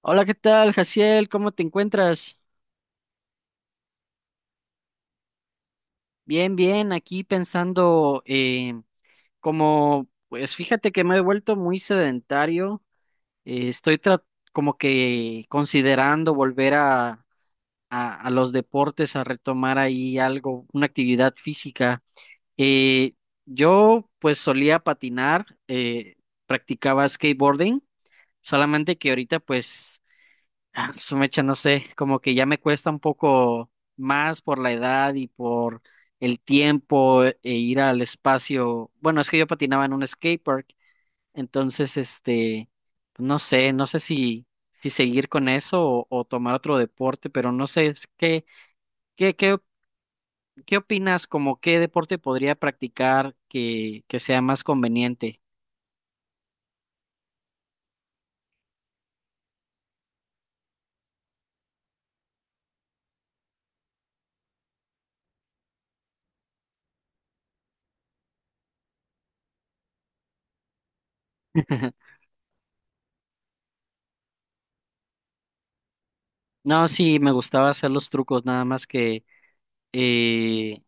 Hola, ¿qué tal, Jaciel? ¿Cómo te encuentras? Bien, bien, aquí pensando, como, pues fíjate que me he vuelto muy sedentario. eh, estoy tra- Como que considerando volver a, a los deportes, a retomar ahí algo, una actividad física. Eh, yo pues solía patinar, practicaba skateboarding, solamente que ahorita pues su mecha, no sé, como que ya me cuesta un poco más por la edad y por el tiempo e ir al espacio. Bueno, es que yo patinaba en un skate park, entonces, no sé, si seguir con eso o tomar otro deporte, pero no sé, es que, ¿qué, qué, ¿qué opinas? Como qué deporte podría practicar que sea más conveniente? No, sí, me gustaba hacer los trucos, nada más que eh,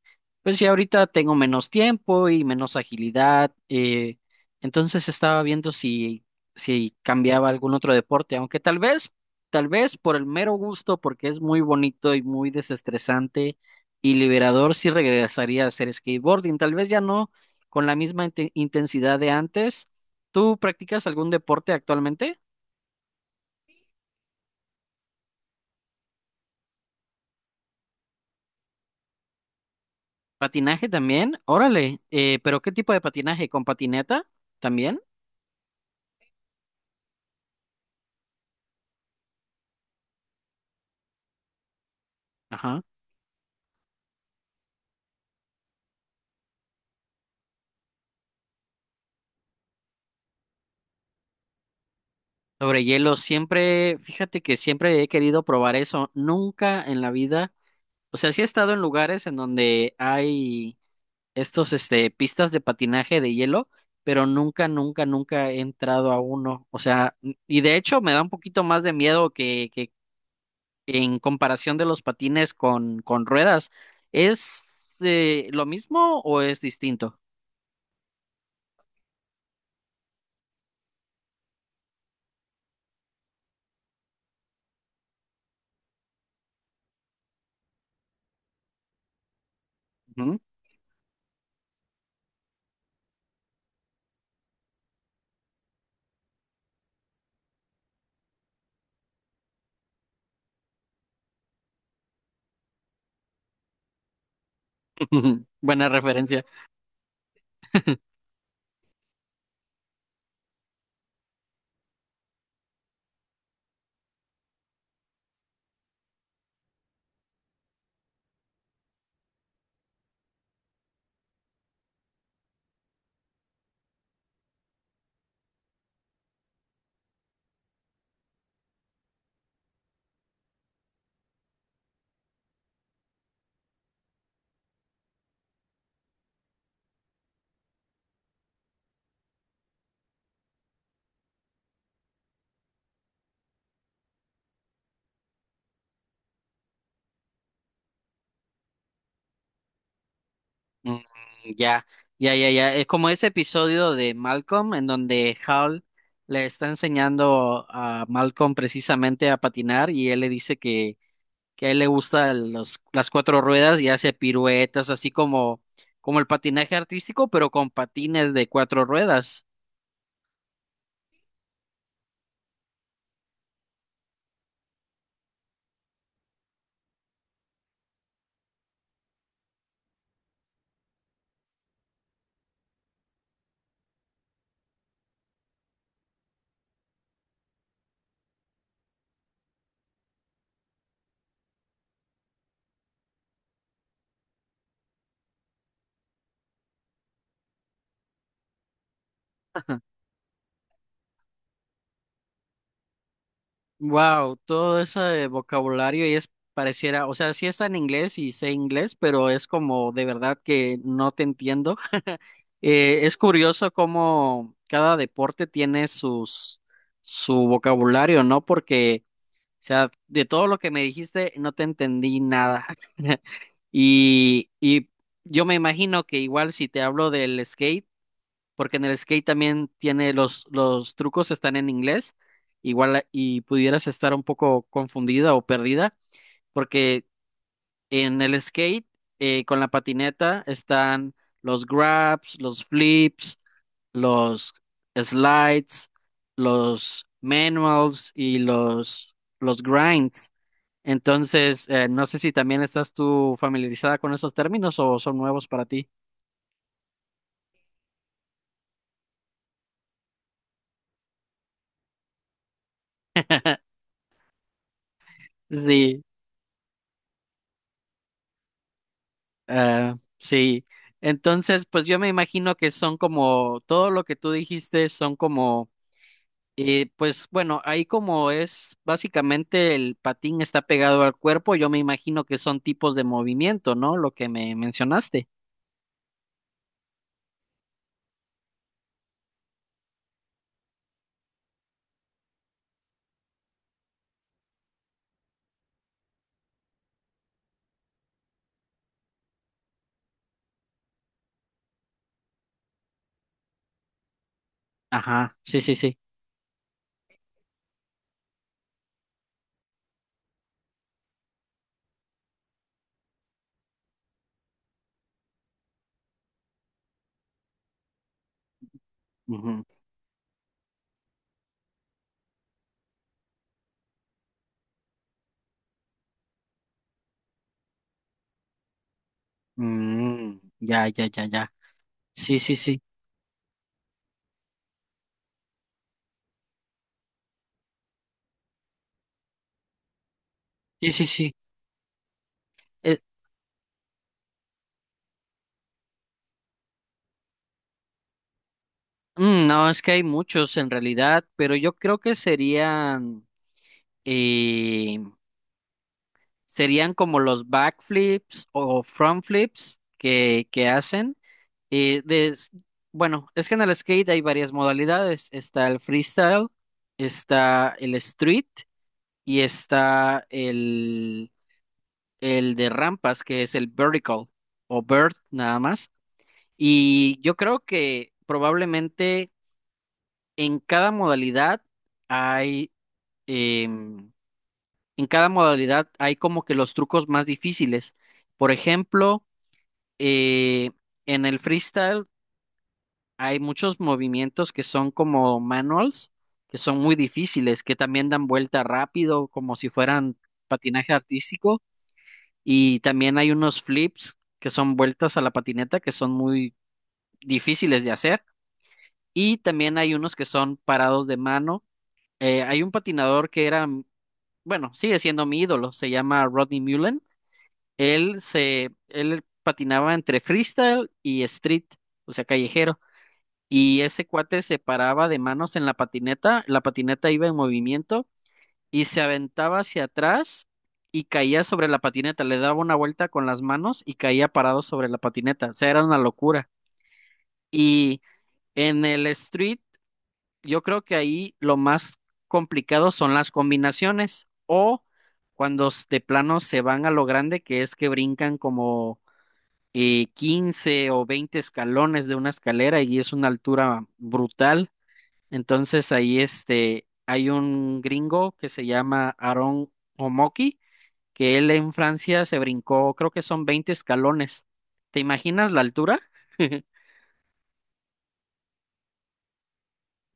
pues ya ahorita tengo menos tiempo y menos agilidad. Entonces estaba viendo si cambiaba algún otro deporte, aunque tal vez por el mero gusto, porque es muy bonito y muy desestresante y liberador, sí regresaría a hacer skateboarding, tal vez ya no con la misma intensidad de antes. ¿Tú practicas algún deporte actualmente? ¿Patinaje también? Órale, pero ¿qué tipo de patinaje? ¿Con patineta también? Ajá. Sobre hielo, siempre, fíjate que siempre he querido probar eso. Nunca en la vida, o sea, sí he estado en lugares en donde hay pistas de patinaje de hielo, pero nunca, nunca, nunca he entrado a uno. O sea, y de hecho me da un poquito más de miedo que en comparación de los patines con ruedas. ¿Es lo mismo o es distinto? Ujú. Buena referencia. Mm, ya, ya, ya, ya. Es como ese episodio de Malcolm en donde Hal le está enseñando a Malcolm precisamente a patinar y él le dice que a él le gustan las cuatro ruedas y hace piruetas, como el patinaje artístico, pero con patines de cuatro ruedas. Wow, todo ese vocabulario y es pareciera, o sea, sí está en inglés y sé inglés, pero es como de verdad que no te entiendo. Es curioso cómo cada deporte tiene sus su vocabulario, ¿no? Porque, o sea, de todo lo que me dijiste no te entendí nada. Y, y yo me imagino que igual si te hablo del skate, porque en el skate también tiene los trucos están en inglés, igual y pudieras estar un poco confundida o perdida, porque en el skate con la patineta están los grabs, los flips, los slides, los manuals y los grinds. Entonces, no sé si también estás tú familiarizada con esos términos o son nuevos para ti. Sí. Ah, sí. Entonces, pues yo me imagino que son como, todo lo que tú dijiste son como, pues bueno, ahí como es, básicamente el patín está pegado al cuerpo, yo me imagino que son tipos de movimiento, ¿no? Lo que me mencionaste. Ajá, sí, sí, sí. Ujú. Mm, ya, ya, ya, ya. Sí, sí, sí. Sí, sí, sí. Eh, no, es que hay muchos en realidad, pero yo creo que serían... eh, serían como los backflips o front flips que hacen. Eh, des- bueno, es que en el skate hay varias modalidades. Está el freestyle, está el street y está el de rampas, que es el vertical o vert nada más. Y yo creo que probablemente en cada modalidad hay, em, en cada modalidad hay como que los trucos más difíciles. Por ejemplo, eh, en el freestyle hay muchos movimientos que son como manuals, que son muy difíciles, que también dan vuelta rápido, como si fueran patinaje artístico. Y también hay unos flips que son vueltas a la patineta, que son muy difíciles de hacer. Y también hay unos que son parados de mano. Hay un patinador que era, bueno, sigue siendo mi ídolo, se llama Rodney Mullen. Él patinaba entre freestyle y street, o sea, callejero. Y ese cuate se paraba de manos en la patineta iba en movimiento y se aventaba hacia atrás y caía sobre la patineta, le daba una vuelta con las manos y caía parado sobre la patineta, o sea, era una locura. Y en el street, yo creo que ahí lo más complicado son las combinaciones o cuando de plano se van a lo grande, que es que brincan como 15 o 20 escalones de una escalera y es una altura brutal. Entonces ahí este, hay un gringo que se llama Aaron Omoki, que él en Francia se brincó, creo que son 20 escalones. ¿Te imaginas la altura?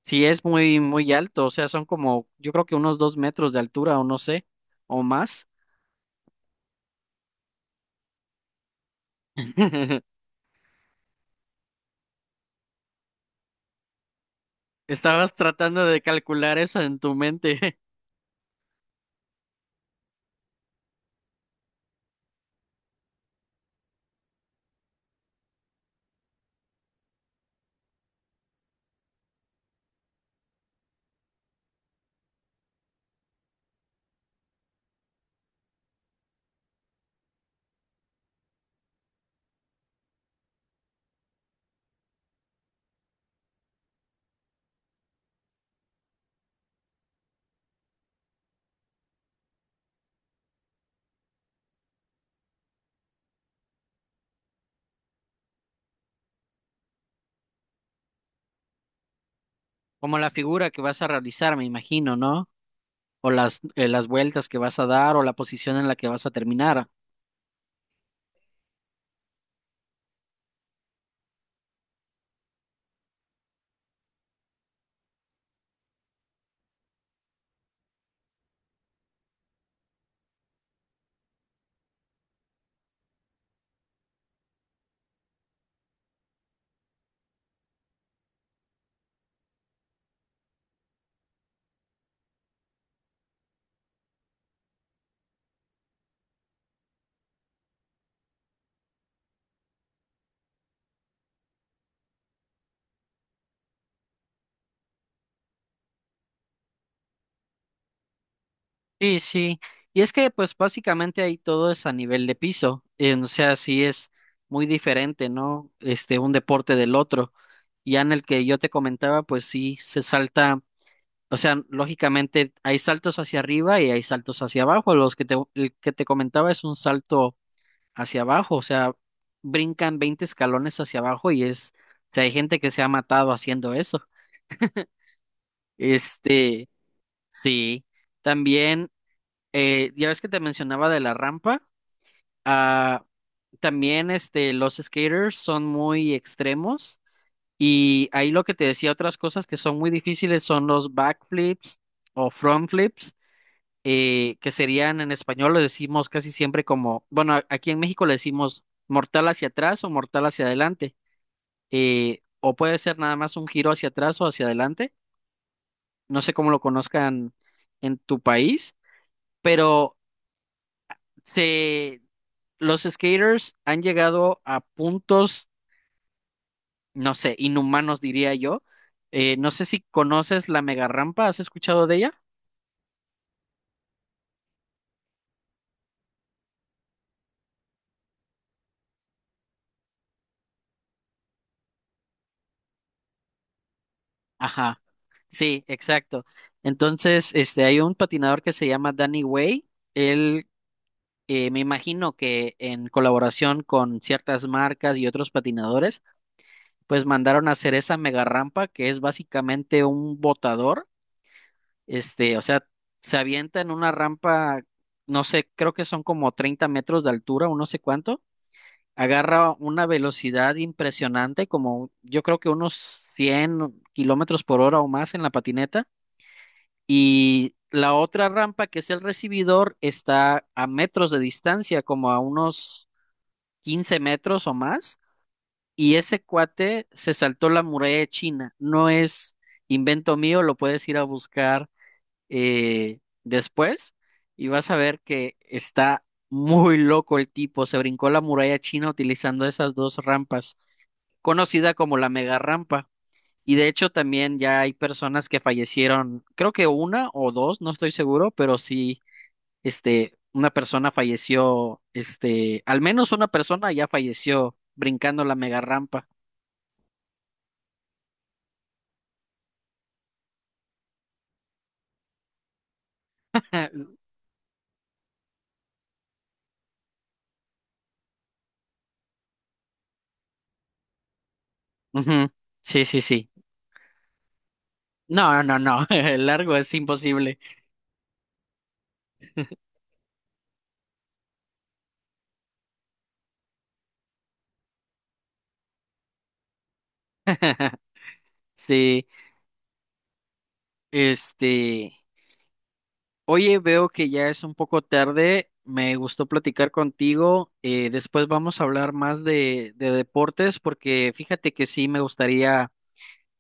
Sí, es muy, muy alto, o sea, son como, yo creo que unos 2 metros de altura o no sé, o más. Estabas tratando de calcular eso en tu mente. Como la figura que vas a realizar, me imagino, ¿no? O las vueltas que vas a dar o la posición en la que vas a terminar. Sí, sí. Y es que pues básicamente ahí todo es a nivel de piso. O sea, sí es muy diferente, ¿no? Este, un deporte del otro. Ya en el que yo te comentaba, pues sí se salta, o sea, lógicamente hay saltos hacia arriba y hay saltos hacia abajo. El que te comentaba es un salto hacia abajo, o sea, brincan 20 escalones hacia abajo y es, o sea, hay gente que se ha matado haciendo eso. Este, sí. También, ya ves que te mencionaba de la rampa. Ah, también este, los skaters son muy extremos y ahí lo que te decía, otras cosas que son muy difíciles son los backflips o frontflips, que serían en español lo decimos casi siempre como, bueno, aquí en México le decimos mortal hacia atrás o mortal hacia adelante, o puede ser nada más un giro hacia atrás o hacia adelante, no sé cómo lo conozcan en tu país, pero se... Los skaters han llegado a puntos no sé, inhumanos diría yo. No sé si conoces la mega rampa, ¿has escuchado de ella? Ajá, sí, exacto. Entonces, este, hay un patinador que se llama Danny Way. Él, me imagino que en colaboración con ciertas marcas y otros patinadores, pues mandaron a hacer esa mega rampa que es básicamente un botador. Este, o sea, se avienta en una rampa, no sé, creo que son como 30 metros de altura, o no sé cuánto, agarra una velocidad impresionante, como yo creo que unos 100 km/h o más en la patineta. Y la otra rampa, que es el recibidor, está a metros de distancia, como a unos 15 metros o más. Y ese cuate se saltó la muralla de China. No es invento mío, lo puedes ir a buscar después y vas a ver que está muy loco el tipo. Se brincó la muralla china utilizando esas dos rampas conocida como la mega rampa. Y de hecho también ya hay personas que fallecieron, creo que una o dos, no estoy seguro, pero sí, este, una persona falleció, este, al menos una persona ya falleció brincando la mega rampa. Ujú. Sí, sí, sí. No, no, no, el largo es imposible. Sí, este, oye, veo que ya es un poco tarde. Me gustó platicar contigo. Después vamos a hablar más de deportes porque fíjate que sí me gustaría,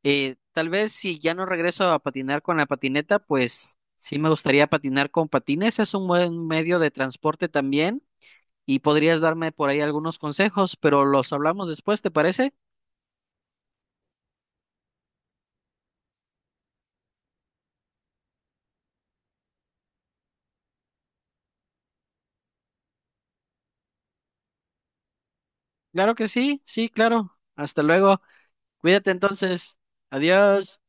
tal vez si ya no regreso a patinar con la patineta, pues sí me gustaría patinar con patines. Es un buen medio de transporte también y podrías darme por ahí algunos consejos, pero los hablamos después, ¿te parece? Claro que sí, sí, claro. Hasta luego. Cuídate entonces. Adiós.